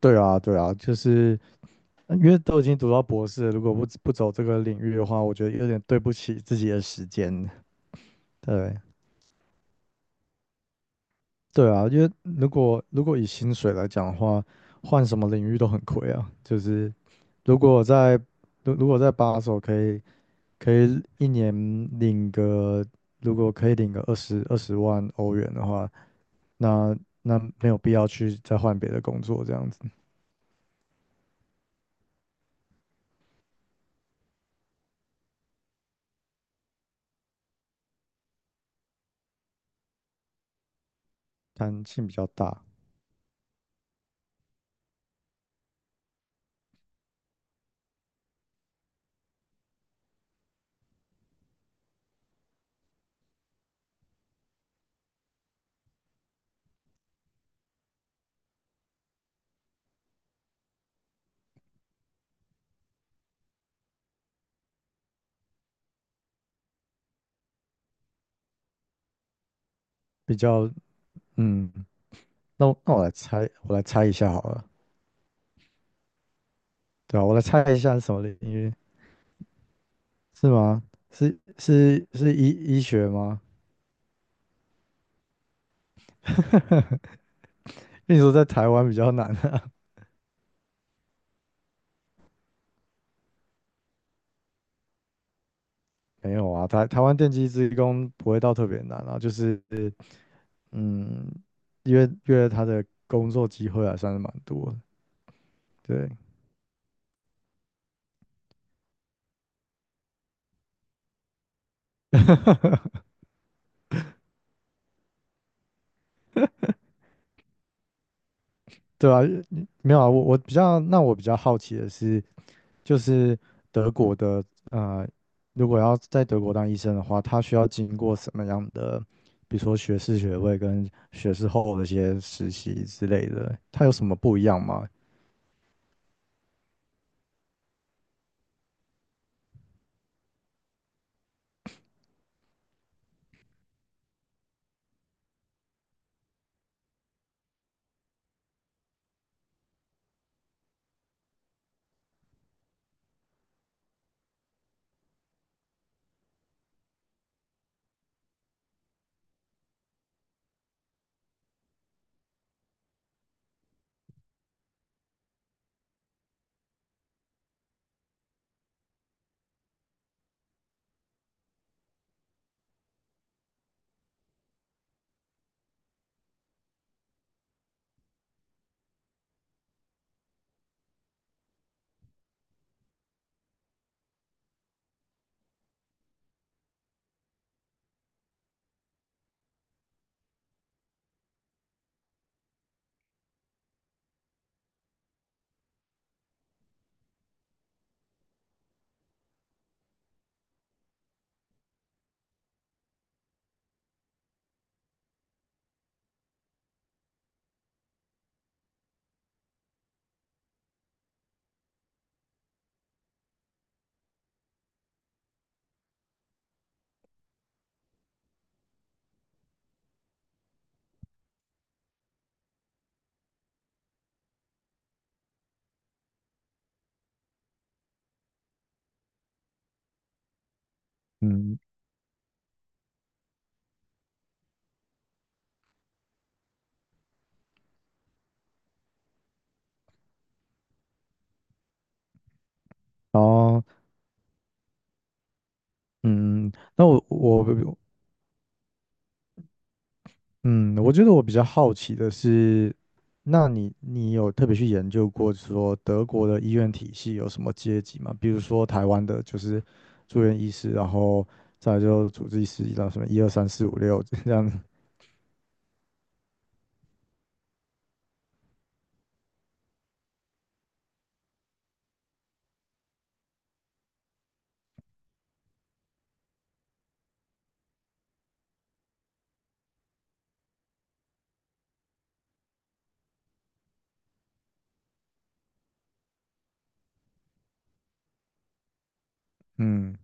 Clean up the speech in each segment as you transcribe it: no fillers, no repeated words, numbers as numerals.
对啊，对啊，就是因为都已经读到博士了如果不走这个领域的话，我觉得有点对不起自己的时间。对，对啊，因为如果以薪水来讲的话，换什么领域都很亏啊。就是如果我在如果在把手可以一年领个，如果可以领个二十万欧元的话，那没有必要去再换别的工作这样子，弹性比较大，比较嗯。那我来猜，我来猜一下好了，对啊，我来猜一下是什么领域？是吗？是医学吗？因为你说在台湾比较难啊，没有啊，台湾电机职工不会到特别难啊，就是嗯，因为他的工作机会还算是蛮多的，对对啊，没有啊，我比较，那我比较好奇的是。就是德国的，呃，如果要在德国当医生的话，他需要经过什么样的，比如说学士学位跟学士后的一些实习之类的，他有什么不一样吗？嗯，然后嗯，那我嗯，我觉得我比较好奇的是，那你有特别去研究过说德国的医院体系有什么阶级吗？比如说台湾的就是住院医师，然后再来就主治医师，然后什么一二三四五六这样，嗯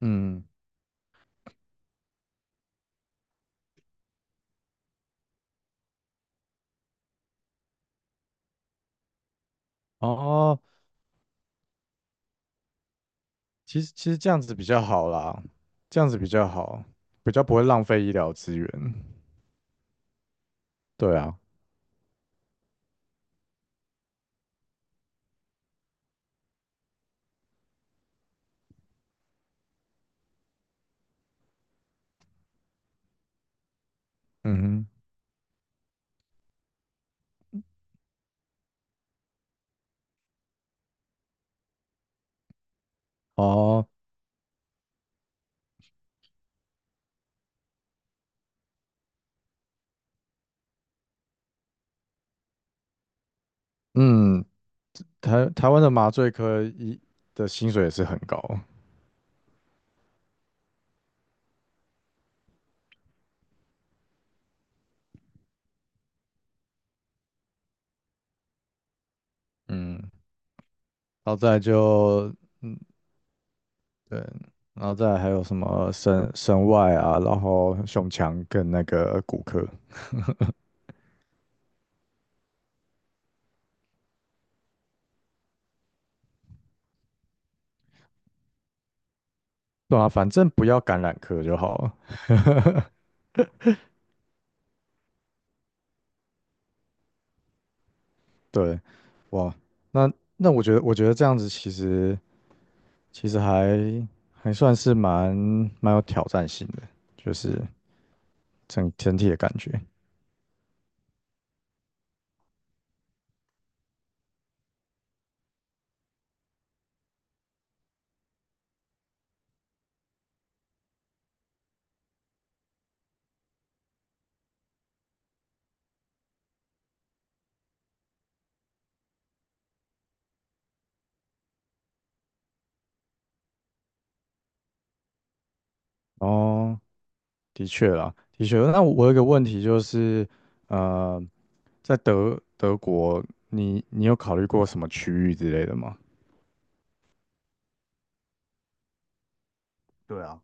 嗯，哦，其实这样子比较好啦，这样子比较好，比较不会浪费医疗资源。对啊，嗯哼，哦，嗯，台湾的麻醉科医的薪水也是很高，嗯，然后再来就对，然后再来还有什么神外啊，然后胸腔跟那个骨科，对啊，反正不要感染科就好了。对，哇，那那我觉得这样子其实。其实还算是蛮有挑战性的，就是整体的感觉。哦，的确啦，的确。那我有一个问题就是，呃，在德国，你有考虑过什么区域之类的吗？对啊，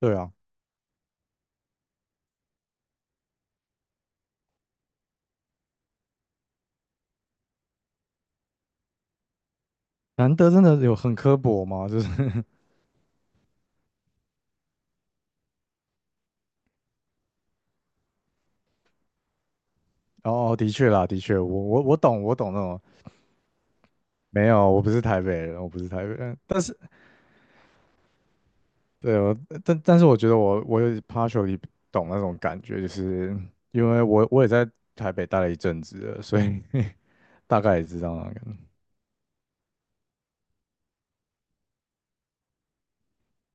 对啊，难得真的有很刻薄吗？就是 哦，哦的确啦，的确，我懂，我懂那种。没有，我不是台北人，我不是台北人。但是。对，我但是我觉得我有 partially 懂那种感觉，就是因为我也在台北待了一阵子了，所以 大概也知道那个。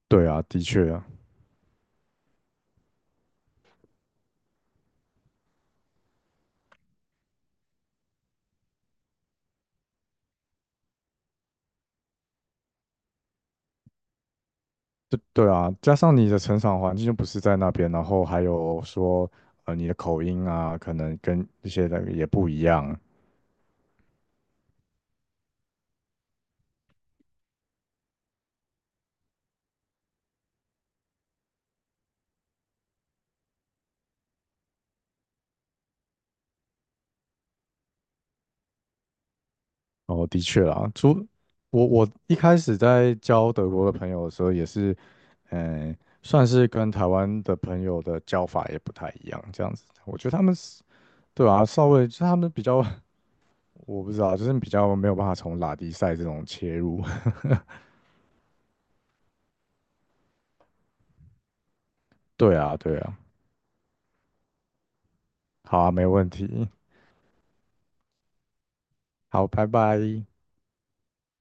对啊，的确啊，对对啊，加上你的成长环境就不是在那边，然后还有说你的口音啊，可能跟一些人也不一样。哦，的确啊，我一开始在交德国的朋友的时候，也是嗯。算是跟台湾的朋友的交法也不太一样，这样子。我觉得他们对啊，稍微就是他们比较，我不知道，就是比较没有办法从拉迪赛这种切入。对啊，对啊，好啊，没问题，好，拜拜。